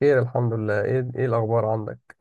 خير الحمد لله. ايه الاخبار عندك؟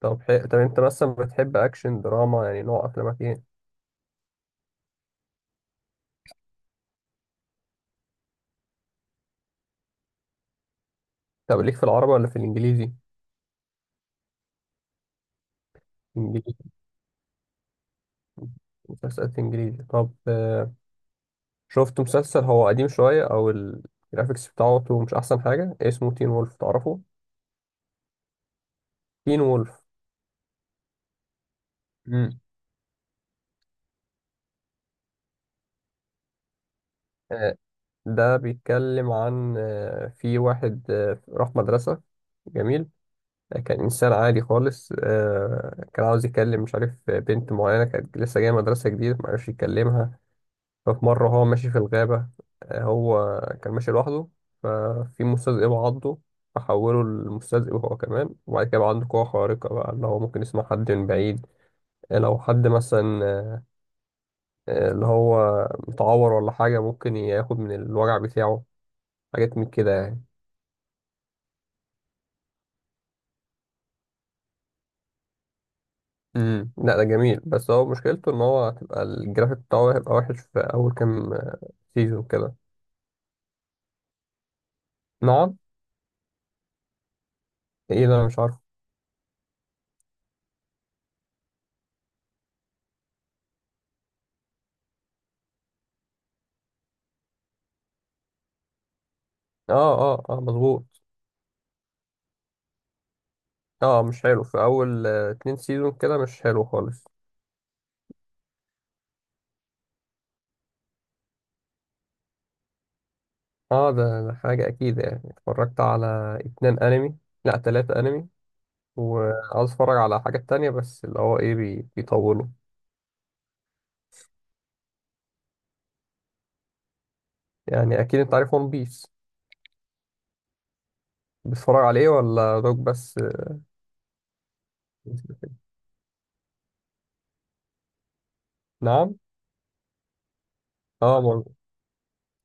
طب انت مثلا بتحب اكشن دراما؟ يعني نوع افلامك ايه؟ طب ليك في العربي ولا في الانجليزي؟ انجليزي؟ مسلسلات انجليزي. طب شفت مسلسل هو قديم شويه او الجرافيكس بتاعته مش احسن حاجه، اسمه تين وولف، تعرفه؟ تين وولف. امم. آه، ده بيتكلم عن في واحد راح مدرسة جميل. كان إنسان عادي خالص، كان عاوز يكلم، مش عارف، بنت معينة كانت لسه جاية مدرسة جديدة، معرفش يكلمها. ففي مرة هو ماشي في الغابة، هو كان ماشي لوحده، ففي مستذئب عضه، فحوله لمستذئب هو كمان. وبعد كده بقى عنده قوة خارقة، بقى اللي هو ممكن يسمع حد من بعيد. لو حد مثلا اللي هو متعور ولا حاجة، ممكن ياخد من الوجع بتاعه. حاجات من كده يعني. امم، لا ده جميل. بس هو مشكلته ان هو هتبقى الجرافيك بتاعه هيبقى وحش في اول كام سيزون كده. نقعد. ايه ده، انا مش عارف. اه اه اه، مظبوط. اه مش حلو. في اول اتنين سيزون كده مش حلو خالص. اه، ده حاجة اكيد. يعني اتفرجت على اتنين انمي. لا، تلاتة انمي. وعاوز اتفرج على حاجة تانية، بس اللي هو ايه، بيطولوا. يعني اكيد انت عارف ون بيس. بتتفرج عليه ولا دوك بس؟ نعم؟ اه برضه.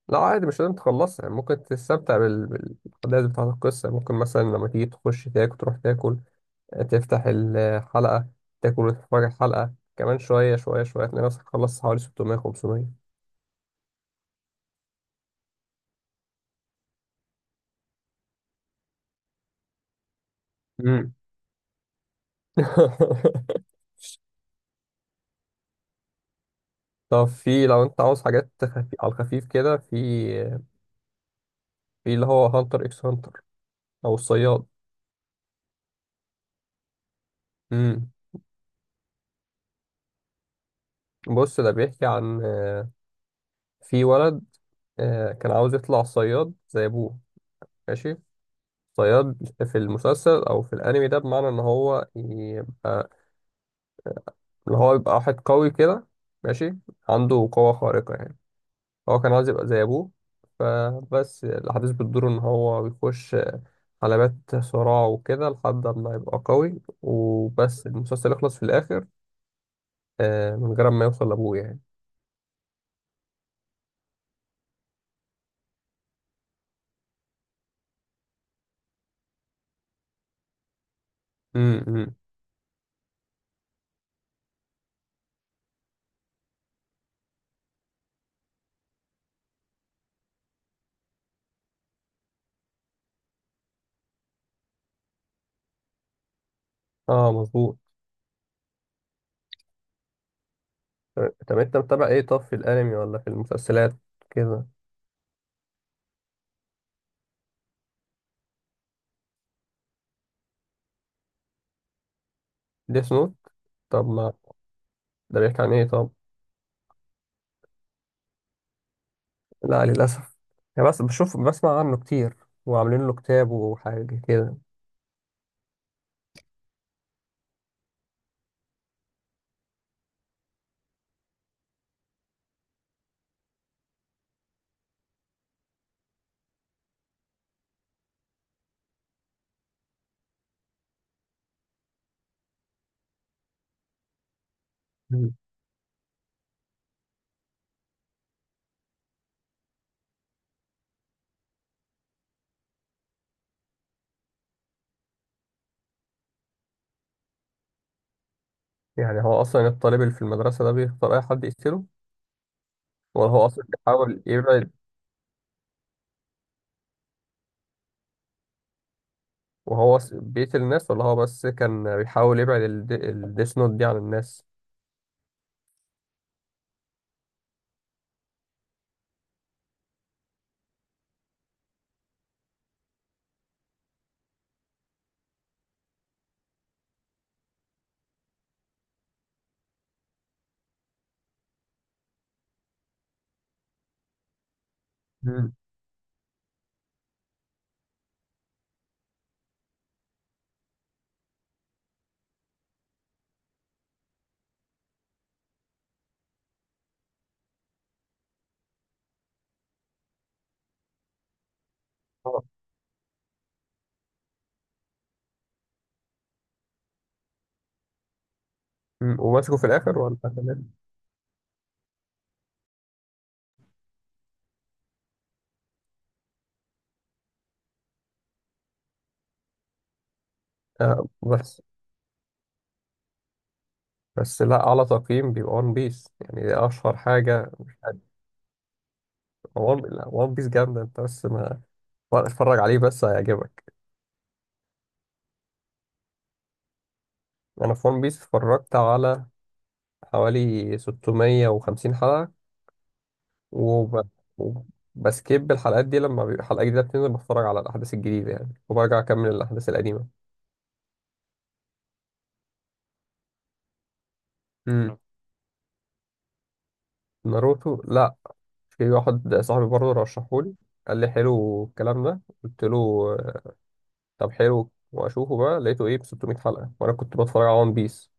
لا عادي، مش لازم تخلصها يعني. ممكن تستمتع بالاحداث بتاعة القصة. ممكن مثلا لما تيجي تخش تاكل، تروح تاكل، تفتح الحلقة، تاكل وتتفرج الحلقة، كمان شوية شوية شوية تلاقي نفسك خلصت حوالي 600، 500. مم. طب في، لو انت عاوز على الخفيف كده، في اللي هو هانتر اكس هانتر، او الصياد. امم. بص، ده بيحكي عن في ولد كان عاوز يطلع صياد زي ابوه. ماشي. صياد في المسلسل او في الانمي ده بمعنى ان هو يبقى، اللي هو يبقى واحد قوي كده. ماشي. عنده قوة خارقة يعني. هو كان عاوز يبقى زي أبوه. فبس الأحداث بتدور إن هو بيخش حلبات صراع وكده، لحد ما يبقى قوي، وبس المسلسل يخلص في الآخر من غير ما يوصل لأبوه يعني. امم. اه مظبوط. طب أنت متابع إيه طب، في الأنمي ولا في المسلسلات كده؟ ديس نوت. طب ما ده بيحكي عن إيه طب؟ لا للأسف. يعني بس بشوف، بسمع عنه كتير، وعاملين له كتاب وحاجة كده. مم. يعني هو أصلا الطالب اللي في المدرسة ده بيختار أي حد يقتله، وهو أصلا بيحاول يبعد. وهو بيقتل الناس، ولا هو بس كان بيحاول يبعد الديس نوت دي عن الناس؟ مم. آه. مم. ومسكه في الآخر ولا تمام؟ آه بس. بس لا، أعلى تقييم بيبقى ون بيس. يعني دي أشهر حاجة، مش عارف. لا، ون بيس جامدة، أنت بس ما اتفرج عليه، بس هيعجبك. أنا في ون بيس اتفرجت على حوالي 650 حلقة، وب... وبسكيب الحلقات دي. لما بيبقى حلقة جديدة بتنزل، بتفرج على الأحداث الجديدة يعني، وبرجع أكمل الأحداث القديمة. امم. ناروتو، لا. في واحد صاحبي برضه رشحهولي، قال لي حلو الكلام ده، قلت له آه، طب حلو واشوفه. بقى لقيته ايه، ب 600 حلقه، وانا كنت بتفرج على ون بيس.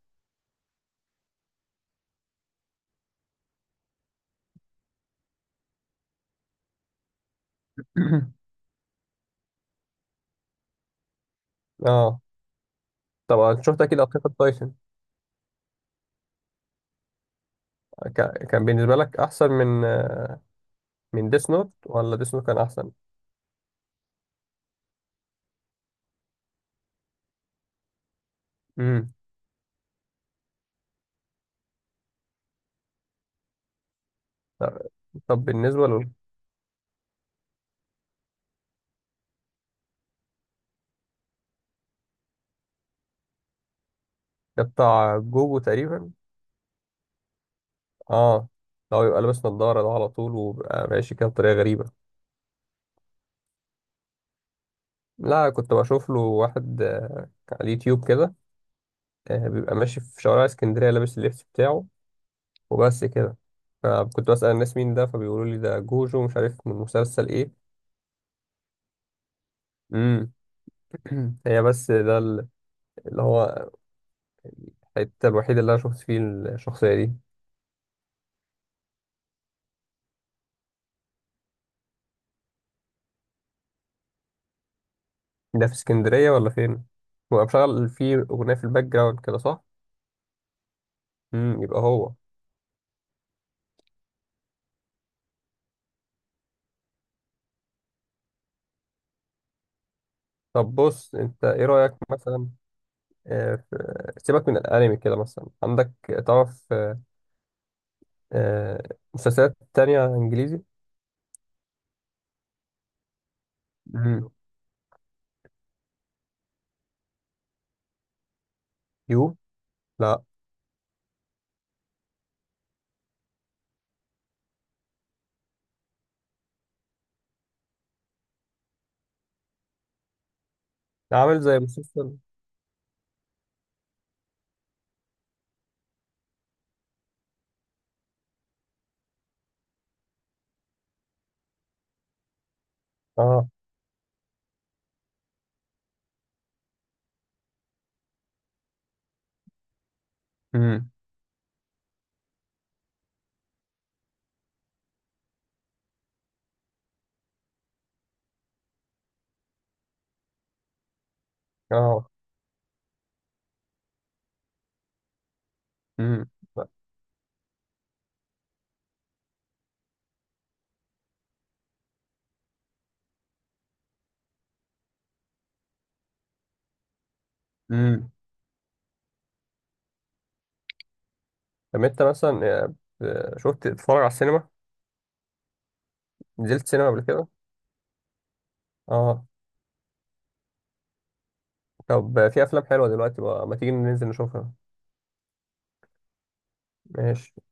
اه. طبعا شفت اكيد اتاك اون تايتن. كان بالنسبه لك احسن من من ديس نوت، ولا ديس نوت كان احسن؟ امم. طب بالنسبه لل، ده بتاع جوجو تقريبا. اه. لو يبقى لابس نظاره ده على طول، وبقى ماشي كده بطريقه غريبه. لا، كنت بشوف له واحد على اليوتيوب كده، بيبقى ماشي في شوارع اسكندرية لابس اللبس بتاعه، وبس كده. فكنت بسأل الناس مين ده، فبيقولوا لي ده جوجو، مش عارف من مسلسل ايه. امم. هي، بس ده اللي هو الحتة الوحيدة اللي انا شفت فيه الشخصية دي. ده في اسكندرية ولا فين؟ هو مشغل فيه أغنية في الباك جراوند كده، صح؟ امم، يبقى هو. طب بص، انت ايه رأيك مثلا سيبك من الانمي كده. مثلا عندك تعرف آه، مسلسلات تانية انجليزي؟ امم. يو؟ لا. ده عامل زي مسلسل. اه. امم. اه امم امم. طب انت مثلا شفت تتفرج على السينما؟ نزلت سينما قبل كده؟ اه. طب في افلام حلوه دلوقتي بقى، ما تيجي ننزل نشوفها؟ ماشي.